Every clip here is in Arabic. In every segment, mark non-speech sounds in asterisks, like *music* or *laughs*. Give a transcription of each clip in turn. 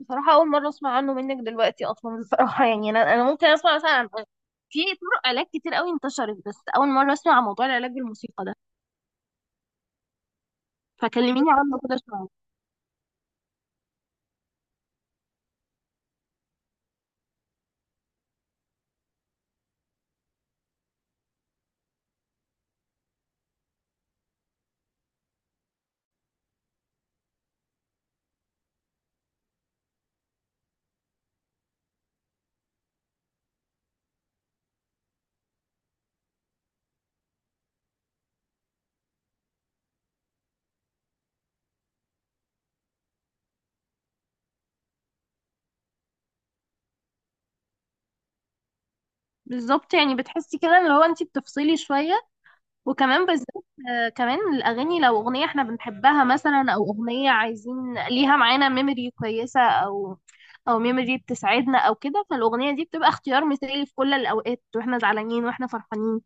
بصراحة أول مرة أسمع عنه منك دلوقتي أصلا، بصراحة يعني أنا ممكن أسمع مثلا في طرق علاج كتير قوي انتشرت، بس أول مرة أسمع عن موضوع العلاج بالموسيقى ده، فكلميني عنه كده شوية. بالظبط، يعني بتحسي كده اللي هو أنت بتفصلي شوية. وكمان بالذات كمان الأغاني، لو أغنية إحنا بنحبها مثلا، أو أغنية عايزين ليها معانا ميموري كويسة، أو ميموري بتسعدنا أو كده، فالأغنية دي بتبقى اختيار مثالي في كل الأوقات، وإحنا زعلانين وإحنا فرحانين.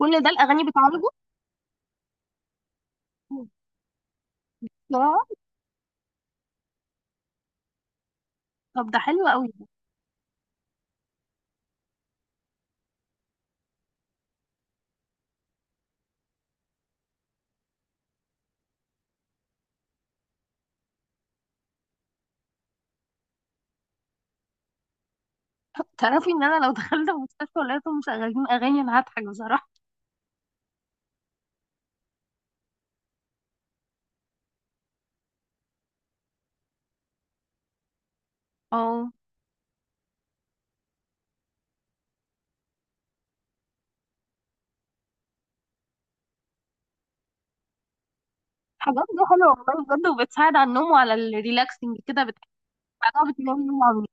كل ده الأغاني بتعالجه. طب ده حلو قوي ده. تعرفي ان انا لو *laughs* دخلت المستشفى ولقيتهم مشغلين اغاني انا هضحك بصراحه. اه. حاجات دي حلوه والله بجد، وبتساعد على النوم وعلى الريلاكسنج كده بتحس بعدها بتنامي نوم عميق.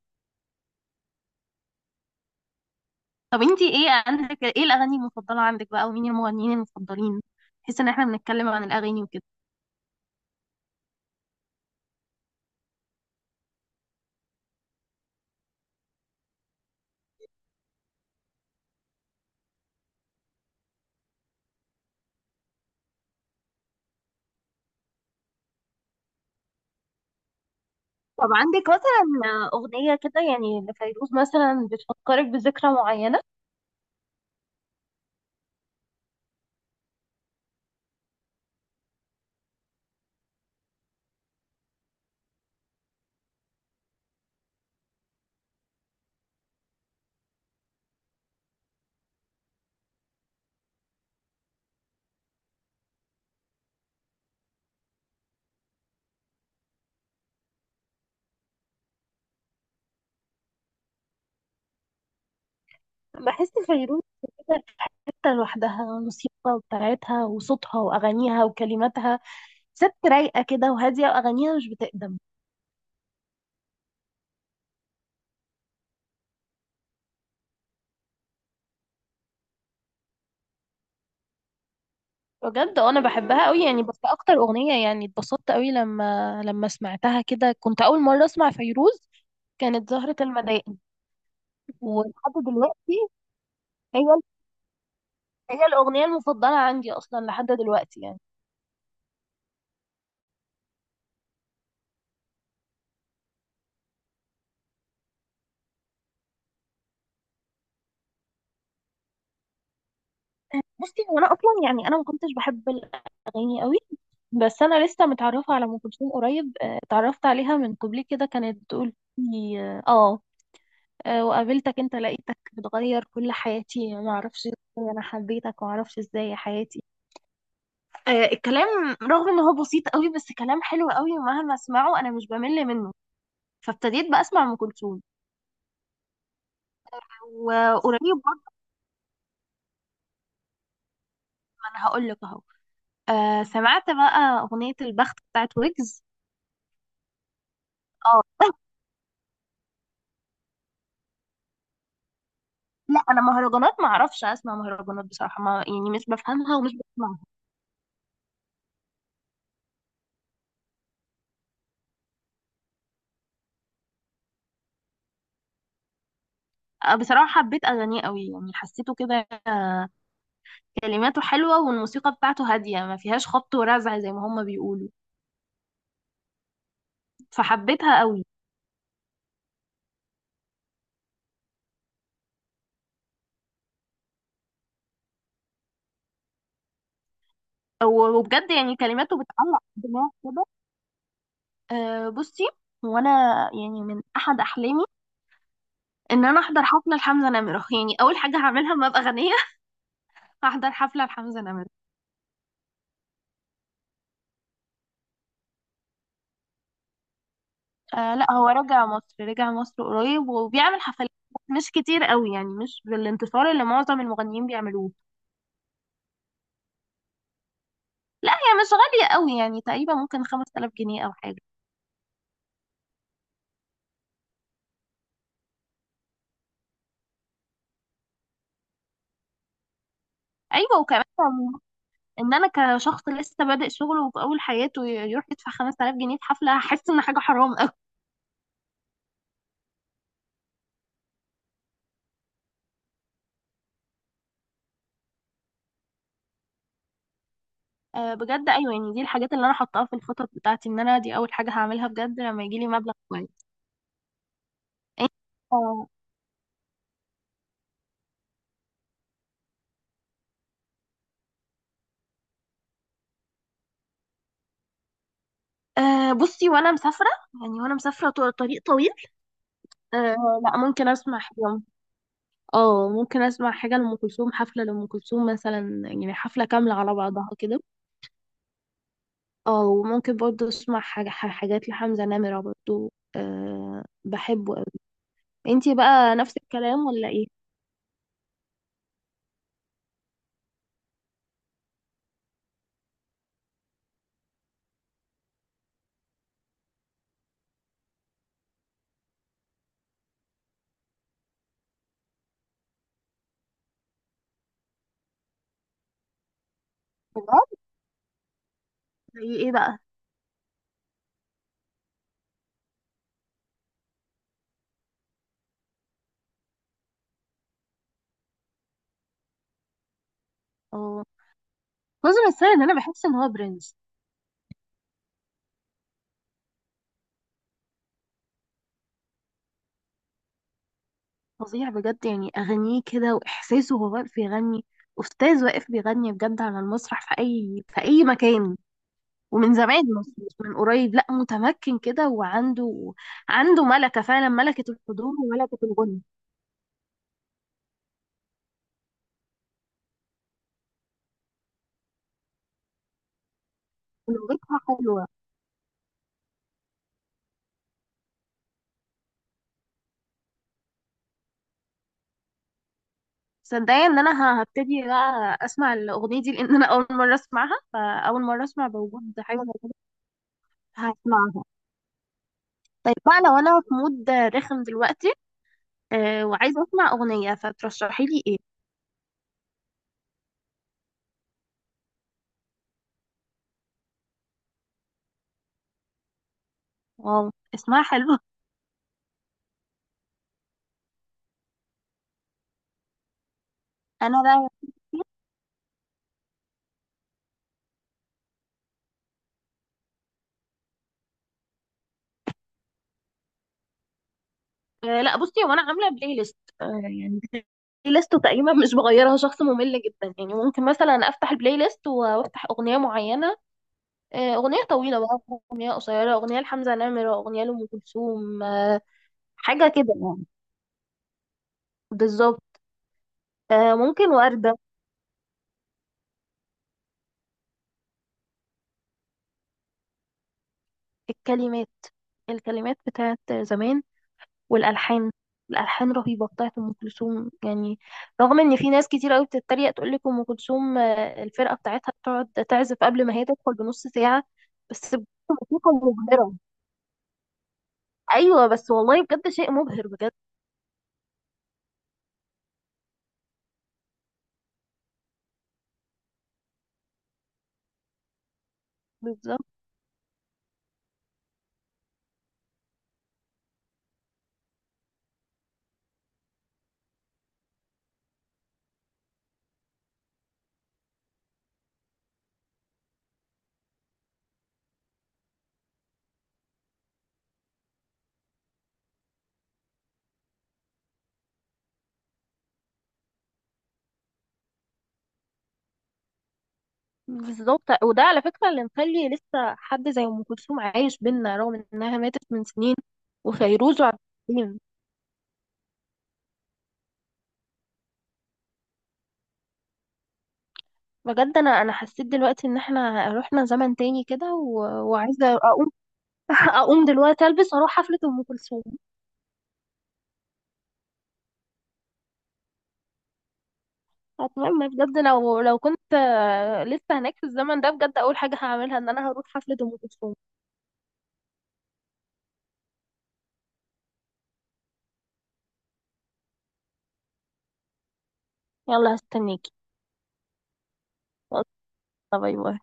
طب انتي ايه عندك، ايه الاغاني المفضله عندك بقى، ومين المغنيين المفضلين؟ بحيث ان احنا بنتكلم عن الاغاني وكده. طب عندك مثلا اغنيه كده يعني لفيروز مثلا بتفكرك بذكرى معينه؟ بحس فيروز كده في حته لوحدها، الموسيقى بتاعتها وصوتها واغانيها وكلماتها، ست رايقه كده وهاديه، واغانيها مش بتقدم. بجد انا بحبها قوي يعني، بس اكتر اغنيه يعني اتبسطت قوي لما سمعتها كده، كنت اول مره اسمع فيروز، كانت زهره المدائن. ولحد دلوقتي هي هي الاغنيه المفضله عندي اصلا لحد دلوقتي يعني. بصي، هو انا اصلا يعني انا ما كنتش بحب الاغاني قوي، بس انا لسه متعرفه على ام كلثوم قريب. اتعرفت عليها من كوبليه كده كانت بتقول لي، وقابلتك انت لقيتك بتغير كل حياتي، ما اعرفش ازاي انا حبيتك، وما اعرفش ازاي حياتي. الكلام رغم ان هو بسيط قوي، بس كلام حلو قوي ومهما اسمعه انا مش بمل منه، فابتديت بقى اسمع ام كلثوم، وقريب برضه. ما انا هقول لك اهو. سمعت بقى اغنيه البخت بتاعت ويجز. اه *laughs* لا انا مهرجانات ما اعرفش اسمع مهرجانات بصراحه، ما يعني مش بفهمها ومش بسمعها. بصراحه حبيت اغانيه قوي يعني، حسيته كده، كلماته حلوة والموسيقى بتاعته هادية ما فيهاش خبط ورزع زي ما هما بيقولوا، فحبيتها قوي. أو- وبجد يعني كلماته بتعلق في الدماغ كده. بصي، وانا يعني من احد احلامي ان انا احضر حفله لحمزه نمره، يعني اول حاجه هعملها لما ابقى غنيه *laughs* هحضر حفله لحمزه نمره. لا، هو رجع مصر، رجع مصر قريب وبيعمل حفلات مش كتير قوي يعني، مش بالانتصار اللي معظم المغنيين بيعملوه. لا، هي مش غاليه قوي يعني، تقريبا ممكن 5000 جنيه او حاجه. ايوه، وكمان ان انا كشخص لسه بادئ شغل وفي اول حياته يروح يدفع 5000 جنيه في حفله، هحس ان حاجه حرام قوي. أه بجد ايوه، يعني دي الحاجات اللي انا حطاها في الخطط بتاعتي، ان انا دي اول حاجه هعملها بجد لما يجي لي مبلغ كويس. إيه؟ أه. بصي، وانا مسافره، يعني وانا مسافره طريق طويل. أه. لا، ممكن اسمع حاجه. اه، ممكن اسمع حاجه لام كلثوم، حفله لام كلثوم مثلا يعني، حفله كامله على بعضها كده. اه، وممكن برضه اسمع حاجات لحمزه نمره برضه، أه بحبه. انتي بقى نفس الكلام ولا ايه؟ بجد زي ايه بقى؟ اه، ناظر السيد، انا بحس ان هو برنس. فظيع بجد يعني، اغانيه كده واحساسه وهو واقف بيغني، استاذ واقف بيغني بجد على المسرح، في اي مكان. ومن زمان، مش من قريب، لا، متمكن كده، وعنده ملكة، فعلا ملكة الحضور وملكة الغنى. ولغتها حلوة. صدقني ان انا هبتدي بقى اسمع الاغنية دي، لان انا اول مرة اسمعها، فاول مرة اسمع بوجود حاجة زي كده. هسمعها. طيب بقى، لو انا في مود رخم دلوقتي وعايزه اسمع اغنيه، فترشحي لي ايه؟ واو، اسمها حلو. *laughs* انا بقى لا، بصي، هو انا عامله بلاي ليست يعني، بلاي ليست تقريبا مش بغيرها، شخص ممل جدا يعني، ممكن مثلا افتح البلاي ليست وافتح اغنيه معينه، اغنيه طويله بقى، اغنيه قصيره، اغنيه لحمزه نمره، اغنيه لام كلثوم، حاجه كده يعني. بالظبط. ممكن ورده. الكلمات، الكلمات بتاعت زمان، والالحان. الالحان رهيبه بتاعت ام كلثوم يعني، رغم ان في ناس كتير قوي بتتريق تقول لك ام كلثوم الفرقه بتاعتها بتقعد تعزف قبل ما هي تدخل بنص ساعه. بس بجد موسيقى مبهره. ايوه بس والله بجد شيء مبهر بجد. بالظبط، بالظبط. وده على فكره اللي مخلي لسه حد زي ام كلثوم عايش بينا رغم انها ماتت من سنين، وفيروز وعبد الحليم. بجد انا حسيت دلوقتي ان احنا رحنا زمن تاني كده، و... وعايزه اقوم *laughs* اقوم دلوقتي البس واروح حفله ام كلثوم. اتمنى بجد، لو كنت لسه هناك في الزمن ده، بجد اول حاجه هعملها ان انا هروح حفله ام كلثوم. يلا هستنيكي. يلا، باي باي.